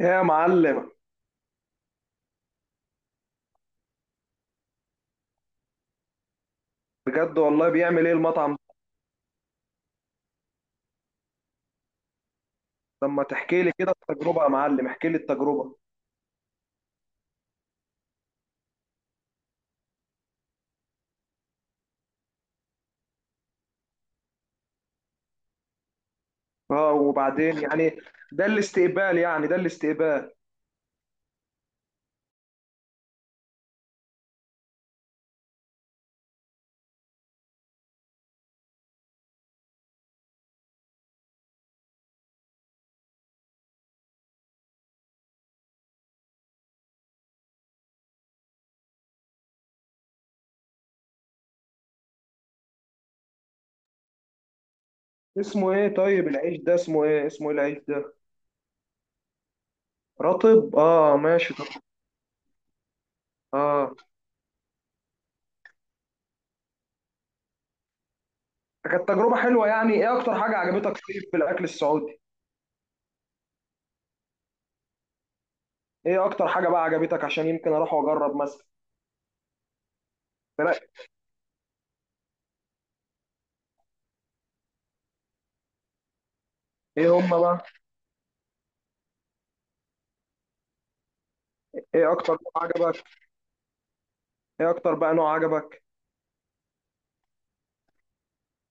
يا معلم، بجد والله بيعمل ايه المطعم ده؟ لما تحكي لي كده التجربة يا معلم، احكي لي التجربة. اه، وبعدين يعني؟ ده الاستقبال يعني، ده الاستقبال؟ اسمه ايه طيب العيش ده، اسمه ايه العيش ده؟ رطب، اه، ماشي، طب، اه. كانت تجربة حلوة، يعني ايه اكتر حاجة عجبتك طيب في الاكل السعودي؟ ايه اكتر حاجة بقى عجبتك عشان يمكن اروح واجرب مثلا؟ لا، ايه هم بقى؟ ايه اكتر نوع عجبك؟ ايه اكتر بقى نوع عجبك؟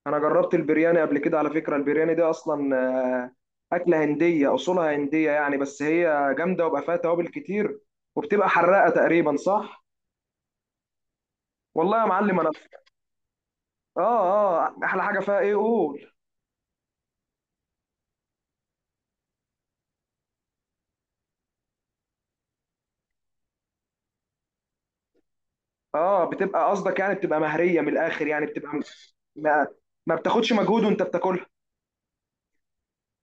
انا جربت البرياني قبل كده على فكره، البرياني دي اصلا اكله هنديه اصولها هنديه يعني، بس هي جامده وبقى فيها توابل كتير، وبتبقى حراقه تقريبا، صح؟ والله يا معلم انا. اه، اه، احلى حاجه فيها ايه قول؟ اه، بتبقى قصدك يعني بتبقى مهريه من الاخر، يعني بتبقى. ما, ما بتاخدش مجهود وانت بتاكلها.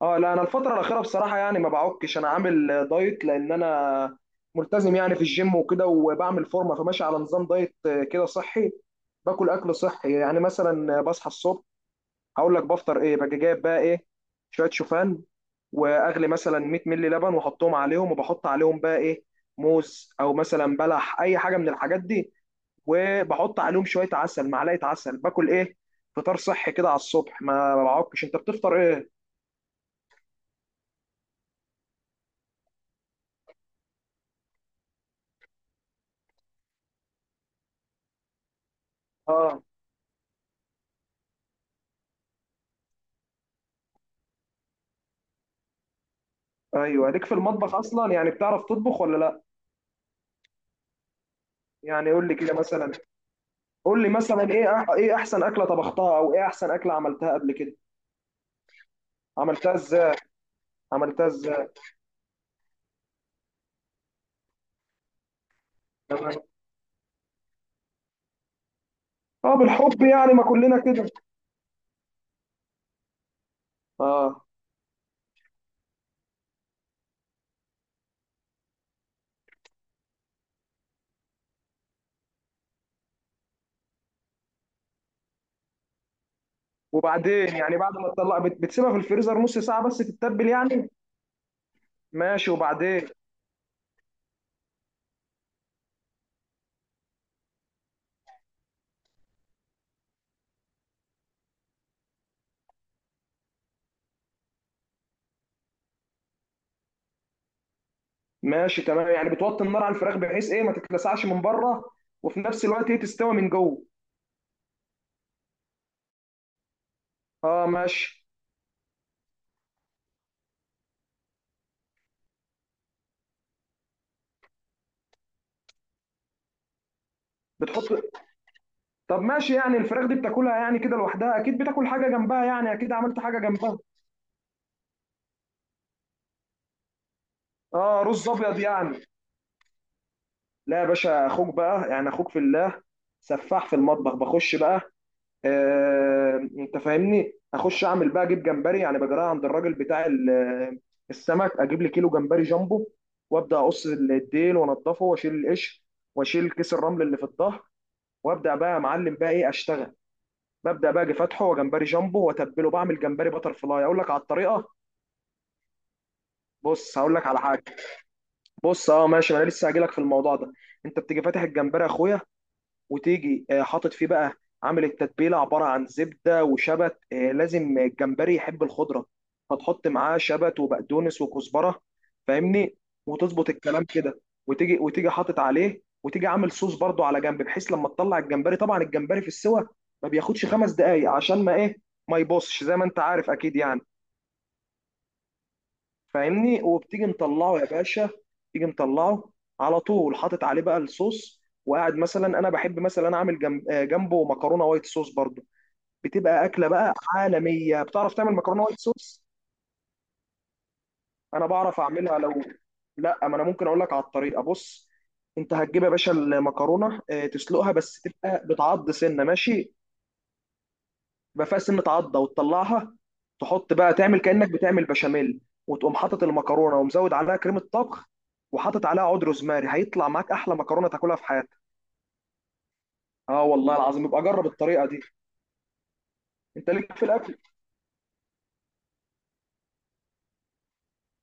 اه، لا انا الفتره الاخيره بصراحه يعني ما بعكش، انا عامل دايت لان انا ملتزم يعني في الجيم وكده وبعمل فورمه، فماشي على نظام دايت كده صحي. باكل اكل صحي، يعني مثلا بصحى الصبح هقول لك بفطر ايه، باجي جايب بقى ايه، شويه شوفان، واغلي مثلا 100 مللي لبن واحطهم عليهم، وبحط عليهم بقى ايه، موز او مثلا بلح اي حاجه من الحاجات دي، وبحط عليهم شويه عسل، معلقه عسل، باكل ايه، فطار صحي كده على الصبح. ما بعكش، انت بتفطر ايه؟ اه. ايوه، ليك في المطبخ اصلا، يعني بتعرف تطبخ ولا لا؟ يعني قول لي كده مثلا، قول لي مثلا ايه ايه احسن اكله طبختها، او ايه احسن اكله عملتها قبل كده؟ عملتها ازاي؟ عملتها ازاي؟ تمام. اه، بالحب يعني ما كلنا كده. اه، وبعدين يعني بعد ما تطلع بتسيبها في الفريزر نص ساعه بس تتبل يعني؟ ماشي، وبعدين؟ ماشي تمام، يعني بتوطي النار على الفراخ بحيث ايه ما تتلسعش من بره، وفي نفس الوقت ايه تستوي من جوه. اه، ماشي. بتحط طب ماشي يعني الفراخ دي بتاكلها يعني كده لوحدها، اكيد بتاكل حاجه جنبها، يعني اكيد عملت حاجه جنبها. اه، رز ابيض يعني؟ لا يا باشا، اخوك بقى يعني، اخوك في الله سفاح في المطبخ، بخش بقى. آه، انت فاهمني، اخش اعمل بقى اجيب جمبري يعني، بجراها عند الراجل بتاع السمك، اجيب لي كيلو جمبري جامبو، وابدا اقص الديل وانضفه واشيل القش، واشيل كيس الرمل اللي في الظهر، وابدا بقى يا معلم بقى ايه اشتغل. ببدا بقى اجي فاتحه وجمبري جامبو واتبله، بعمل جمبري بتر فلاي، اقول لك على الطريقه. بص، هقول لك على حاجه. بص، اه، ماشي، ما انا لسه هجيلك في الموضوع ده. انت بتيجي فاتح الجمبري يا اخويا، وتيجي حاطط فيه بقى، عامل التتبيله عباره عن زبده وشبت، لازم الجمبري يحب الخضره، فتحط معاه شبت وبقدونس وكزبره، فاهمني؟ وتظبط الكلام كده، وتيجي حاطط عليه، وتيجي عامل صوص برضو على جنب، بحيث لما تطلع الجمبري طبعا الجمبري في السوى ما بياخدش 5 دقايق عشان ما ايه، ما يبصش زي ما انت عارف اكيد يعني. فاهمني؟ وبتيجي مطلعه يا باشا، تيجي مطلعه على طول، حاطط عليه بقى الصوص، وقاعد مثلا انا بحب مثلا اعمل جنب جنبه مكرونه وايت صوص برضو. بتبقى اكله بقى عالميه. بتعرف تعمل مكرونه وايت صوص؟ انا بعرف اعملها لو. لا، ما انا ممكن اقول لك على الطريقه، بص. انت هتجيب يا باشا المكرونه، تسلقها بس تبقى بتعض سنه، ماشي؟ يبقى فيها سنة عضة وتطلعها. تحط بقى تعمل كأنك بتعمل بشاميل، وتقوم حاطط المكرونة ومزود عليها كريمة طبخ، وحاطط عليها عود روزماري، هيطلع معاك أحلى مكرونة تاكلها في حياتك. اه والله العظيم، يبقى جرب الطريقة دي. انت ليك في الأكل؟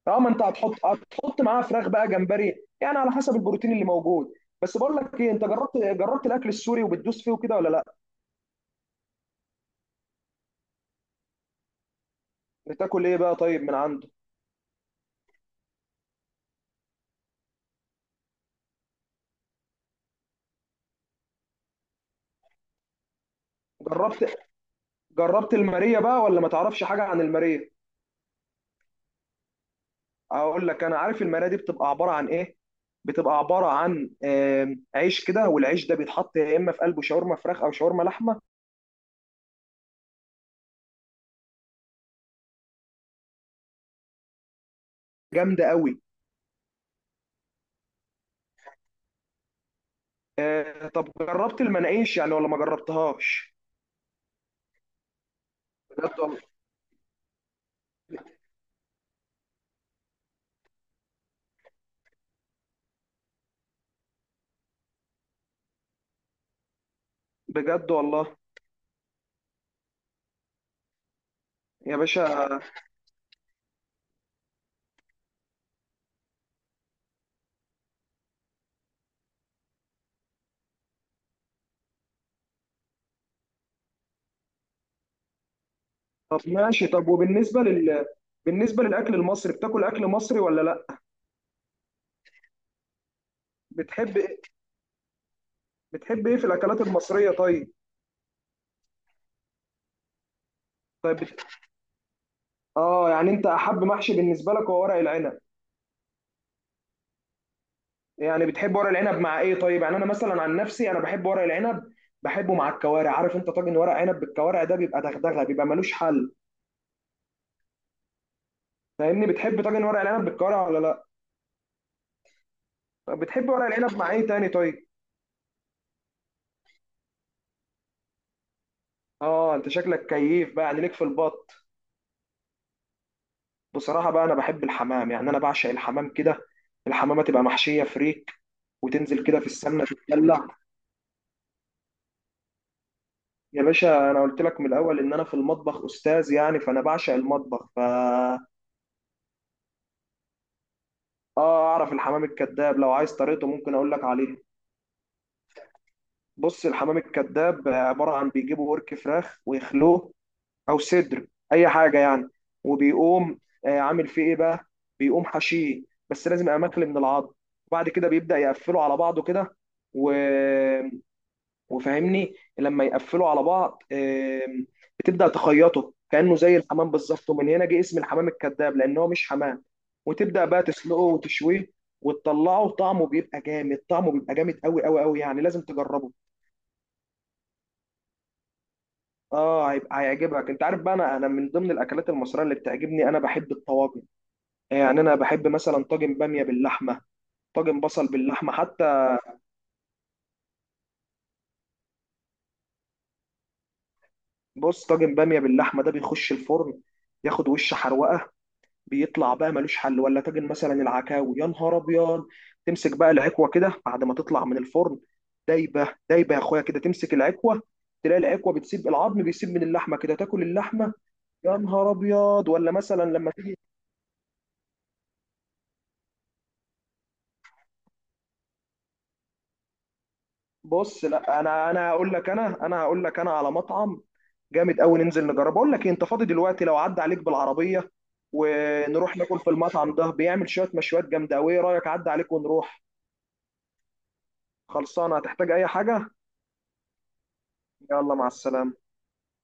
اه، ما انت هتحط معاها فراخ بقى، جمبري، يعني على حسب البروتين اللي موجود. بس بقول لك ايه، انت جربت الاكل السوري وبتدوس فيه وكده ولا لا؟ بتاكل ايه بقى طيب من عنده؟ جربت جربت الماريه بقى ولا ما تعرفش حاجه عن الماريه؟ اقول لك، انا عارف المرايه دي بتبقى عباره عن ايه. بتبقى عباره عن عيش كده، والعيش ده بيتحط يا اما في قلبه شاورما فراخ او شاورما لحمه. جامده قوي. طب جربت المناقيش يعني ولا ما جربتهاش؟ بجد والله. بجد والله يا باشا. طب ماشي، طب وبالنسبه لل بالنسبه للاكل المصري، بتاكل اكل مصري ولا لا؟ بتحب إيه- بتحب ايه في الاكلات المصريه طيب؟ طيب، يعني انت احب محشي بالنسبه لك هو ورق العنب؟ يعني بتحب ورق العنب مع ايه طيب؟ يعني انا مثلا عن نفسي انا بحب ورق العنب، بحبه مع الكوارع. عارف انت طاجن ورق عنب بالكوارع ده بيبقى دغدغه، بيبقى ملوش حل. فاهمني؟ بتحب طاجن ورق العنب بالكوارع ولا؟ لا، بتحب ورق العنب مع ايه تاني طيب؟ اه، انت شكلك كيف بقى يعني، ليك في البط؟ بصراحه بقى انا بحب الحمام، يعني انا بعشق الحمام كده. الحمامه تبقى محشيه فريك، وتنزل كده في السمنه تتدلع. يا باشا، انا قلت لك من الاول ان انا في المطبخ استاذ يعني، فانا بعشق المطبخ. اه، اعرف الحمام الكذاب، لو عايز طريقته ممكن اقول لك عليه. بص، الحمام الكذاب عباره عن بيجيبوا ورك فراخ ويخلوه، او صدر، اي حاجه يعني، وبيقوم عامل فيه ايه بقى، بيقوم حشيه، بس لازم يبقى ماكل من العظم، وبعد كده بيبدا يقفله على بعضه كده، و... وفاهمني لما يقفلوا على بعض، بتبدأ تخيطه كأنه زي الحمام بالظبط، ومن هنا جه اسم الحمام الكذاب لأن هو مش حمام. وتبدأ بقى تسلقه وتشويه وتطلعه، طعمه بيبقى جامد، طعمه بيبقى جامد قوي قوي قوي، يعني لازم تجربه. اه هيبقى هيعجبك. انت عارف بقى، انا من ضمن الاكلات المصريه اللي بتعجبني، انا بحب الطواجن. يعني انا بحب مثلا طاجن باميه باللحمه، طاجن بصل باللحمه حتى. بص، طاجن باميه باللحمه ده بيخش الفرن، ياخد وش حروقه، بيطلع بقى ملوش حل. ولا طاجن مثلا العكاوي، يا نهار ابيض، تمسك بقى العكوه كده بعد ما تطلع من الفرن، دايبه دايبه يا اخويا، كده تمسك العكوه تلاقي العكوه بتسيب العظم، بيسيب من اللحمه كده تاكل اللحمه. يا نهار ابيض. ولا مثلا لما تيجي. بص، لا انا هقول لك، انا هقول لك انا على مطعم جامد قوي، ننزل نجربه. اقول لك انت فاضي دلوقتي؟ لو عدى عليك بالعربيه ونروح ناكل في المطعم ده، بيعمل شويه مشويات جامده قوي. ايه رايك، عدى عليك ونروح؟ خلصانه؟ هتحتاج اي حاجه؟ يلا، مع السلامه.